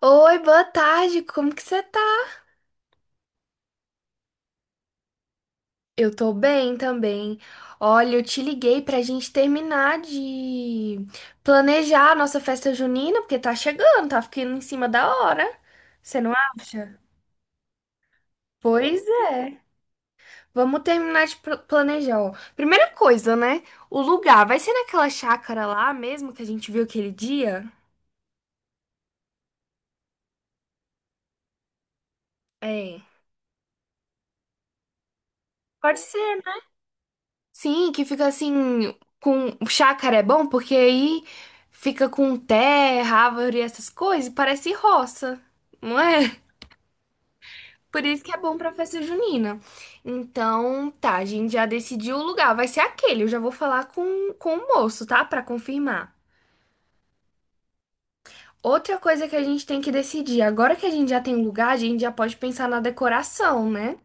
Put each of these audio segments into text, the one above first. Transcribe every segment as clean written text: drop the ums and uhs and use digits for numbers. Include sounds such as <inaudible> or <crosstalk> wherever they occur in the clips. Oi, boa tarde, como que você tá? Eu tô bem também. Olha, eu te liguei pra gente terminar de planejar a nossa festa junina, porque tá chegando, tá ficando em cima da hora. Você não acha? Pois é. Vamos terminar de planejar, ó. Primeira coisa, né? O lugar vai ser naquela chácara lá mesmo que a gente viu aquele dia? É. Pode ser. Sim, que fica assim com chácara é bom porque aí fica com terra, árvore e essas coisas, e parece roça, não é? <laughs> Por isso que é bom pra festa junina. Então, tá, a gente já decidiu o lugar, vai ser aquele. Eu já vou falar com o moço, tá? Pra confirmar. Outra coisa que a gente tem que decidir, agora que a gente já tem o lugar, a gente já pode pensar na decoração, né?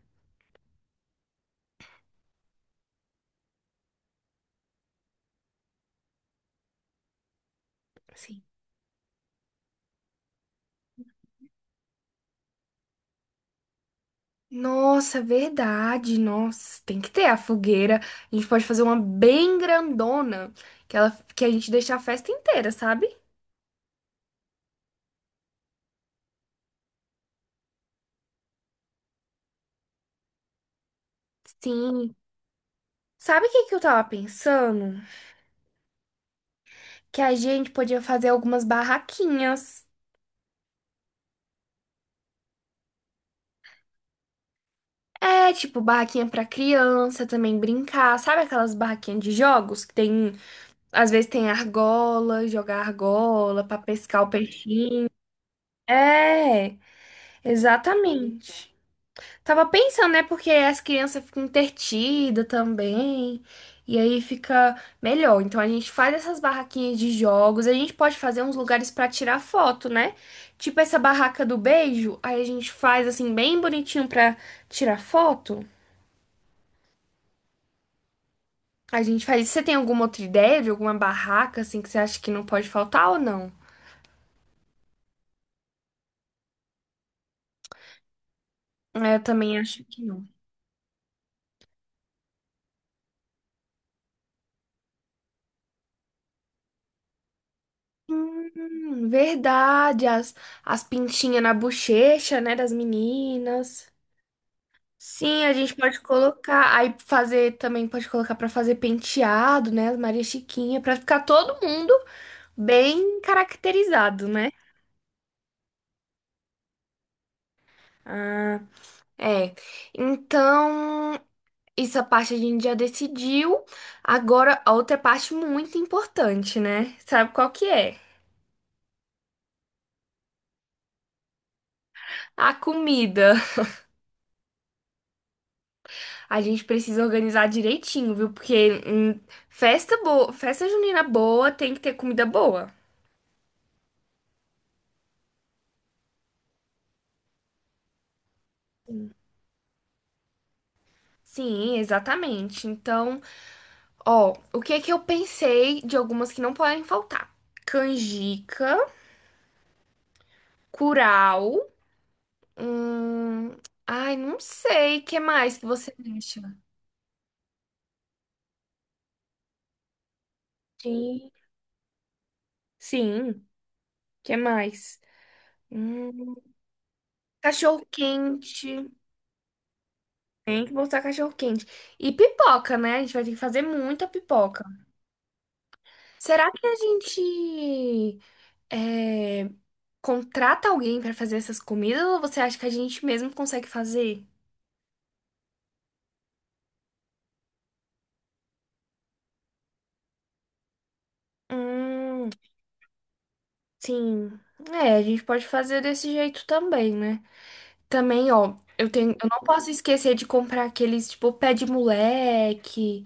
Assim. Nossa, verdade. Nossa, tem que ter a fogueira. A gente pode fazer uma bem grandona, que ela, que a gente deixa a festa inteira, sabe? Sim. Sabe o que que eu tava pensando? Que a gente podia fazer algumas barraquinhas. É, tipo, barraquinha pra criança também brincar. Sabe aquelas barraquinhas de jogos que tem, às vezes tem argola, jogar argola pra pescar o peixinho? É, exatamente. Tava pensando, né? Porque as crianças ficam entretidas também. E aí fica melhor. Então a gente faz essas barraquinhas de jogos. A gente pode fazer uns lugares pra tirar foto, né? Tipo essa barraca do beijo. Aí a gente faz assim, bem bonitinho pra tirar foto. A gente faz isso. Você tem alguma outra ideia de alguma barraca assim que você acha que não pode faltar ou não? É, eu também acho que não. Verdade. As pintinhas na bochecha, né? Das meninas. Sim, a gente pode colocar, aí fazer também pode colocar pra fazer penteado, né? As Maria Chiquinha, pra ficar todo mundo bem caracterizado, né? Ah, é. Então, essa parte a gente já decidiu. Agora, a outra parte muito importante, né? Sabe qual que é? A comida. A gente precisa organizar direitinho, viu? Porque festa boa, festa junina boa tem que ter comida boa. Sim, exatamente. Então, ó, o que que eu pensei de algumas que não podem faltar? Canjica, curau, hum... Ai, não sei, que mais que você acha? Sim, sim, que mais? Hum, Cachorro quente. Tem que botar cachorro quente. E pipoca, né? A gente vai ter que fazer muita pipoca. Será que a gente é, contrata alguém pra fazer essas comidas ou você acha que a gente mesmo consegue fazer? Hum. Sim, é, a gente pode fazer desse jeito também, né? Também, ó, eu não posso esquecer de comprar aqueles, tipo, pé de moleque,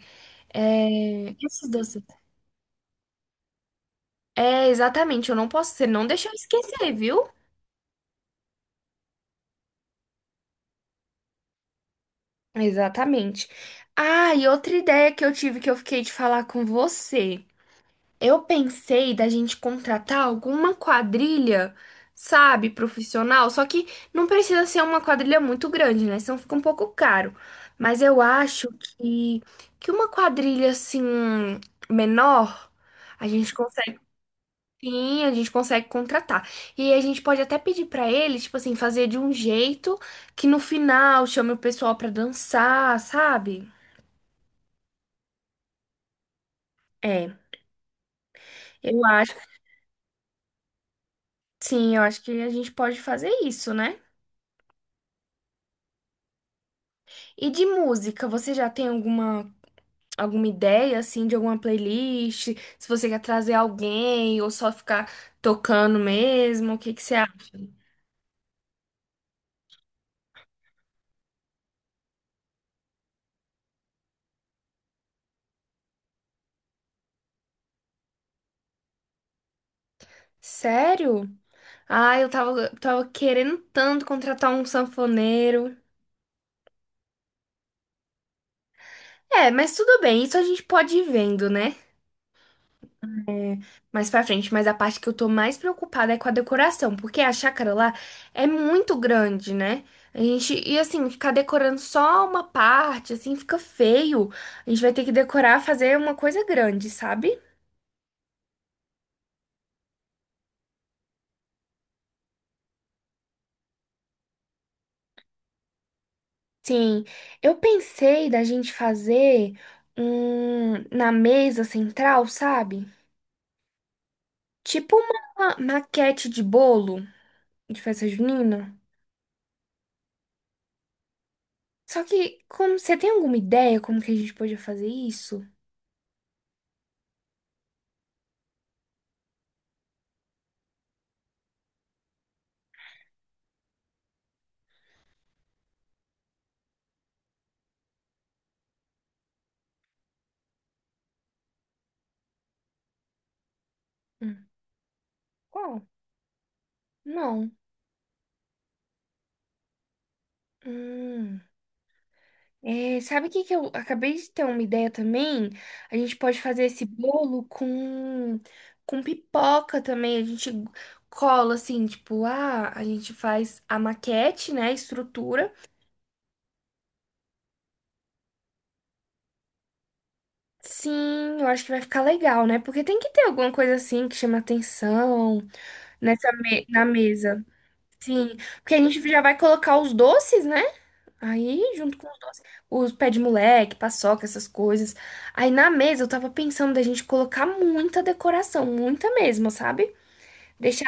esses doces. É, exatamente, eu não posso, você não deixa eu esquecer, viu? Exatamente. Ah, e outra ideia que eu tive que eu fiquei de falar com você. Eu pensei da gente contratar alguma quadrilha, sabe, profissional, só que não precisa ser uma quadrilha muito grande, né? Senão fica um pouco caro. Mas eu acho que, que uma quadrilha assim menor, a gente consegue, sim, a gente consegue contratar. E a gente pode até pedir pra eles, tipo assim, fazer de um jeito que no final chame o pessoal pra dançar, sabe? É, eu acho, sim, eu acho que a gente pode fazer isso, né? E de música, você já tem alguma ideia assim de alguma playlist? Se você quer trazer alguém ou só ficar tocando mesmo, o que que você acha? Sério? Ah, eu tava querendo tanto contratar um sanfoneiro. É, mas tudo bem, isso a gente pode ir vendo, né? Mais pra frente, mas a parte que eu tô mais preocupada é com a decoração, porque a chácara lá é muito grande, né? A gente, e assim, ficar decorando só uma parte, assim, fica feio. A gente vai ter que decorar, fazer uma coisa grande, sabe? Sim, eu pensei da gente fazer um na mesa central, sabe? Tipo uma maquete de bolo de festa junina. Só que, como, você tem alguma ideia como que a gente podia fazer isso? Hum. Qual? Não. Hum, sabe o que que eu acabei de ter uma ideia também? A gente pode fazer esse bolo com pipoca também. A gente cola assim, tipo, ah, a gente faz a maquete, né? A estrutura. Sim, eu acho que vai ficar legal, né? Porque tem que ter alguma coisa assim que chama atenção nessa na mesa. Sim, porque a gente já vai colocar os doces, né? Aí, junto com os doces, os pé de moleque, paçoca, essas coisas. Aí na mesa eu tava pensando da gente colocar muita decoração, muita mesmo, sabe? Deixar.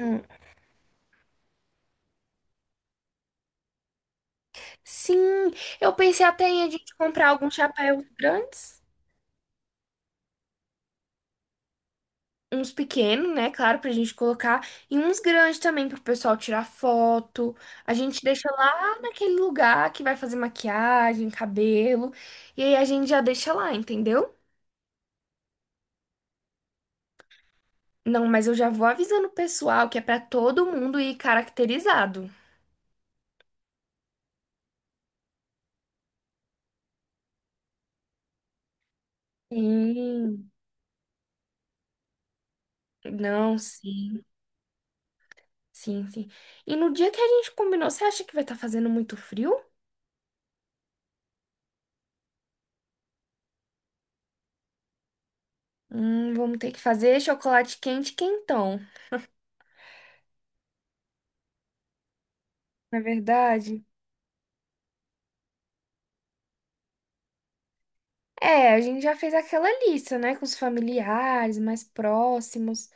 hum, Sim, eu pensei até em a gente comprar alguns chapéus grandes, uns pequenos, né? Claro, pra gente colocar, e uns grandes também pro pessoal tirar foto. A gente deixa lá naquele lugar que vai fazer maquiagem, cabelo, e aí a gente já deixa lá, entendeu? Não, mas eu já vou avisando o pessoal que é pra todo mundo ir caracterizado. Sim. Não, sim, sim, sim. E no dia que a gente combinou, você acha que vai estar fazendo muito frio? Vamos ter que fazer chocolate quente quentão. Não é verdade? É, a gente já fez aquela lista, né, com os familiares mais próximos.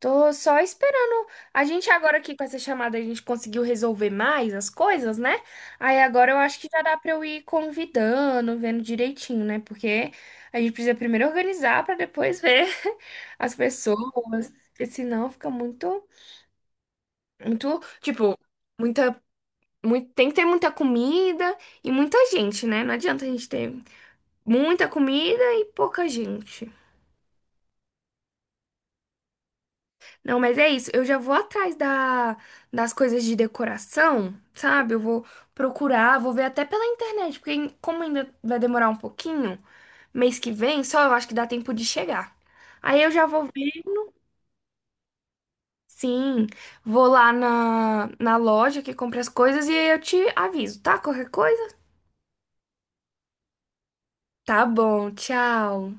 Tô só esperando. A gente agora aqui com essa chamada, a gente conseguiu resolver mais as coisas, né? Aí agora eu acho que já dá pra eu ir convidando, vendo direitinho, né? Porque a gente precisa primeiro organizar pra depois ver <laughs> as pessoas, porque senão fica muito, muito, tipo, muita, muito, tem que ter muita comida e muita gente, né? Não adianta a gente ter muita comida e pouca gente. Não, mas é isso. Eu já vou atrás das coisas de decoração, sabe? Eu vou procurar, vou ver até pela internet, porque como ainda vai demorar um pouquinho, mês que vem, só eu acho que dá tempo de chegar. Aí eu já vou ver, sim, vou lá na loja que compra as coisas e aí eu te aviso, tá? Qualquer coisa? Tá bom, tchau.